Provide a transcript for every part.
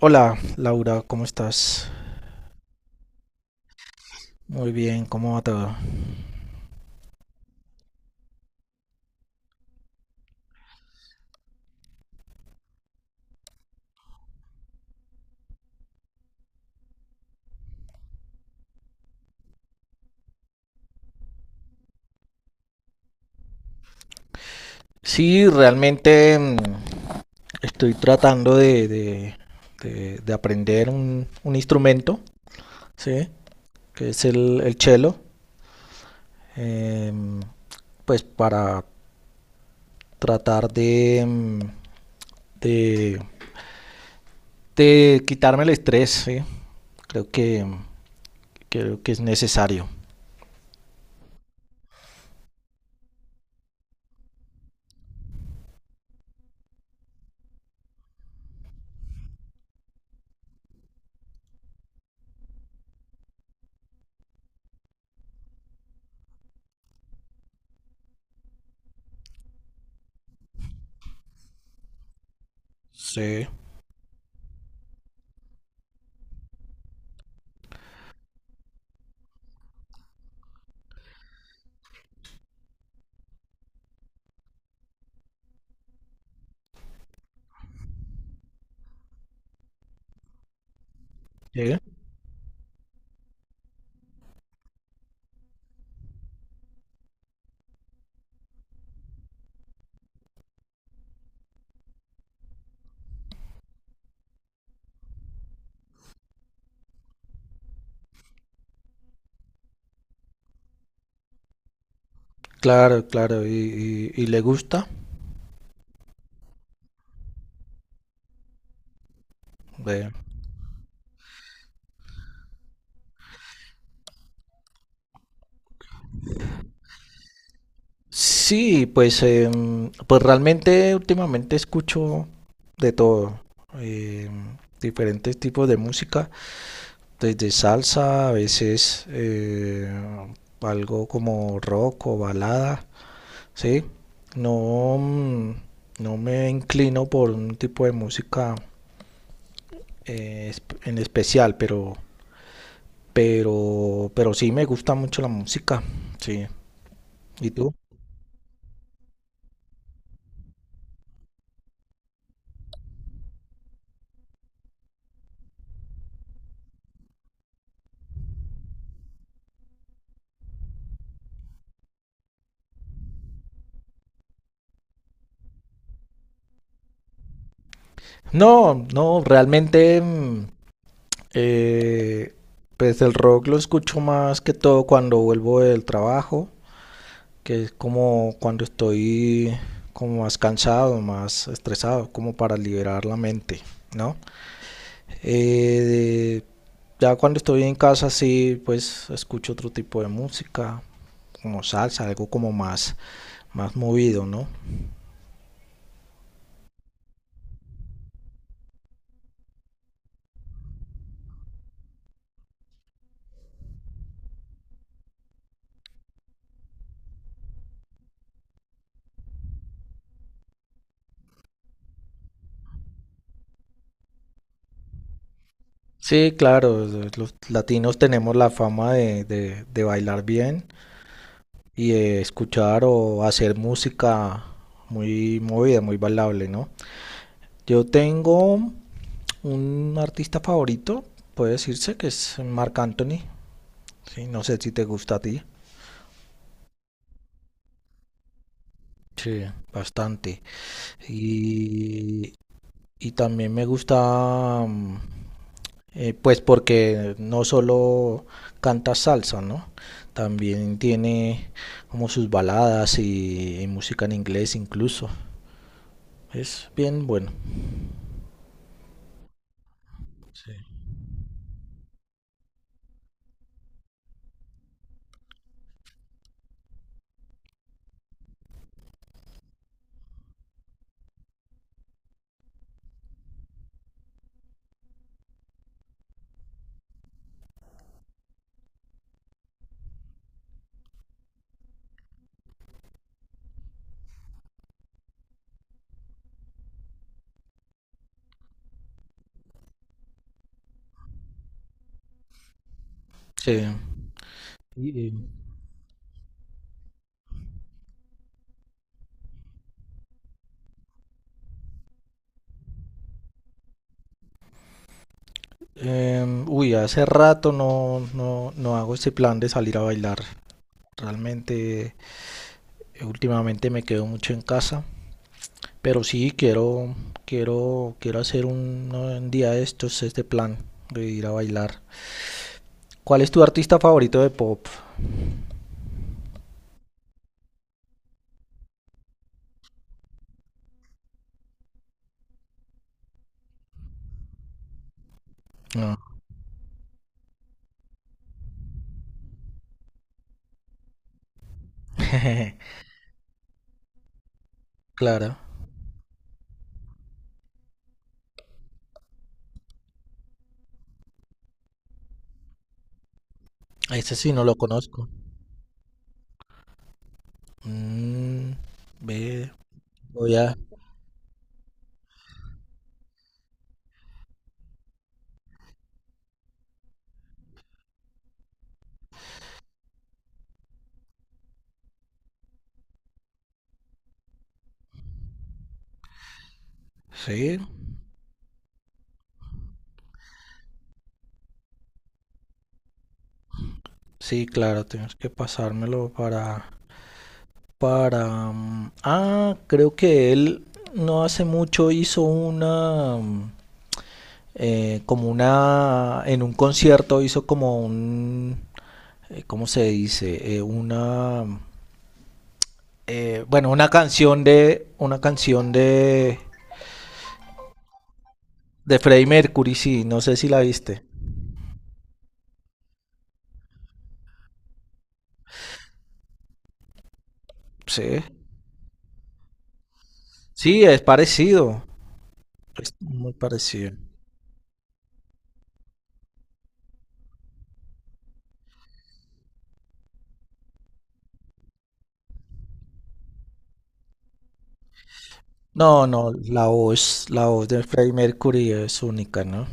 Hola, Laura, ¿cómo estás? Muy bien, ¿cómo va todo? Sí, realmente estoy tratando de aprender un instrumento, ¿sí? Que es el cello, em, pues para tratar de, de quitarme el estrés, ¿sí? Creo que, creo que es necesario. Sí. Sí. Claro, claro, y le gusta. Bueno, sí, pues, pues realmente últimamente escucho de todo, diferentes tipos de música, desde salsa, a veces algo como rock o balada, ¿sí? No, no me inclino por un tipo de música en especial, pero sí me gusta mucho la música, sí. ¿Y tú? No, no, realmente, Eh, pues el rock lo escucho más que todo cuando vuelvo del trabajo, que es como cuando estoy como más cansado, más estresado, como para liberar la mente, ¿no? Eh, ya cuando estoy en casa sí, pues escucho otro tipo de música, como salsa, algo como más movido, ¿no? Sí, claro, los latinos tenemos la fama de bailar bien y escuchar o hacer música muy movida, muy bailable, ¿no? Yo tengo un artista favorito, puede decirse que es Marc Anthony, ¿sí? No sé si te gusta a ti. Sí, bastante. Y, y también me gusta, pues porque no solo canta salsa, ¿no? También tiene como sus baladas y música en inglés incluso. Es bien bueno. Sí. Sí. Sí, em, uy, hace rato no, no hago este plan de salir a bailar. Realmente, últimamente me quedo mucho en casa, pero sí quiero, quiero hacer un, no, un día de estos, este plan de ir a bailar. ¿Cuál es tu artista favorito de pop? No. Claro, ese sí no lo conozco. Mm, ve, voy a... Sí, sí, claro, tienes que pasármelo para... Ah, creo que él no hace mucho hizo una... como una... En un concierto hizo como un... ¿Cómo se dice? Una... bueno, una canción de... Una canción de... De Freddie Mercury, sí. No sé si la viste. Sí. Sí, es parecido. Es muy parecido. No, no, la voz de Freddie Mercury es única, ¿no?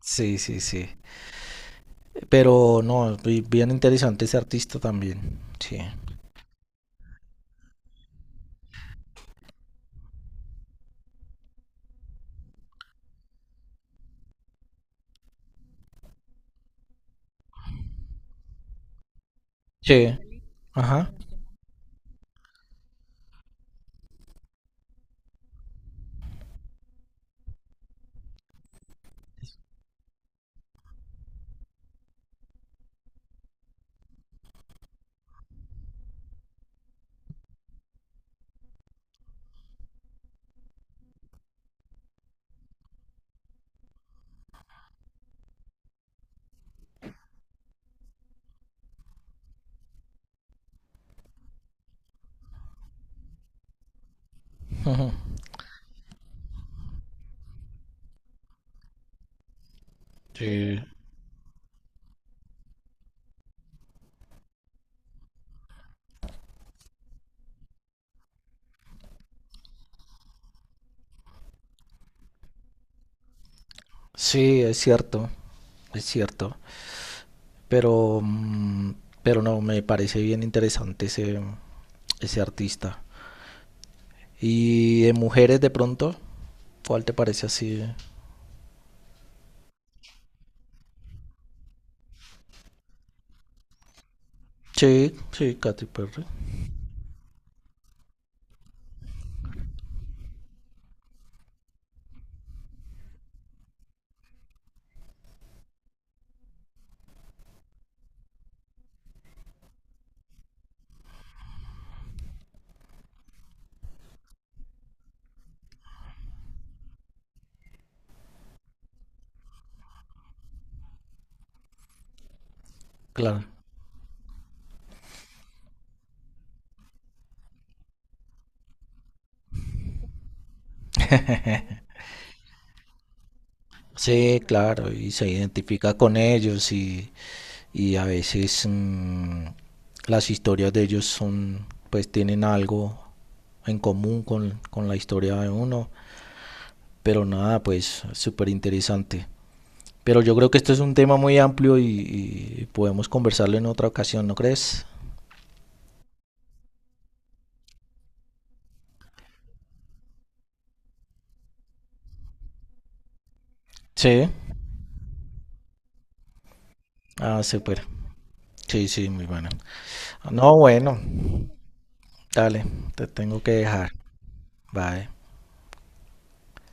Sí, sí, sí. Pero no, bien interesante ese artista también. Sí. Sí. Ajá. Ujú. Sí. Sí, es cierto, es cierto. Pero, pero no, me parece bien interesante ese artista. Y de mujeres de pronto, ¿cuál te parece así? Sí, sí, Katy Perry. Claro. Sí, claro, y se identifica con ellos y a veces las historias de ellos son, pues tienen algo en común con la historia de uno, pero nada, pues súper interesante. Pero yo creo que esto es un tema muy amplio y podemos conversarlo en otra ocasión, ¿no crees? Sí, ah, súper. Sí, sí, muy bueno. No, bueno, dale, te tengo que dejar. Bye.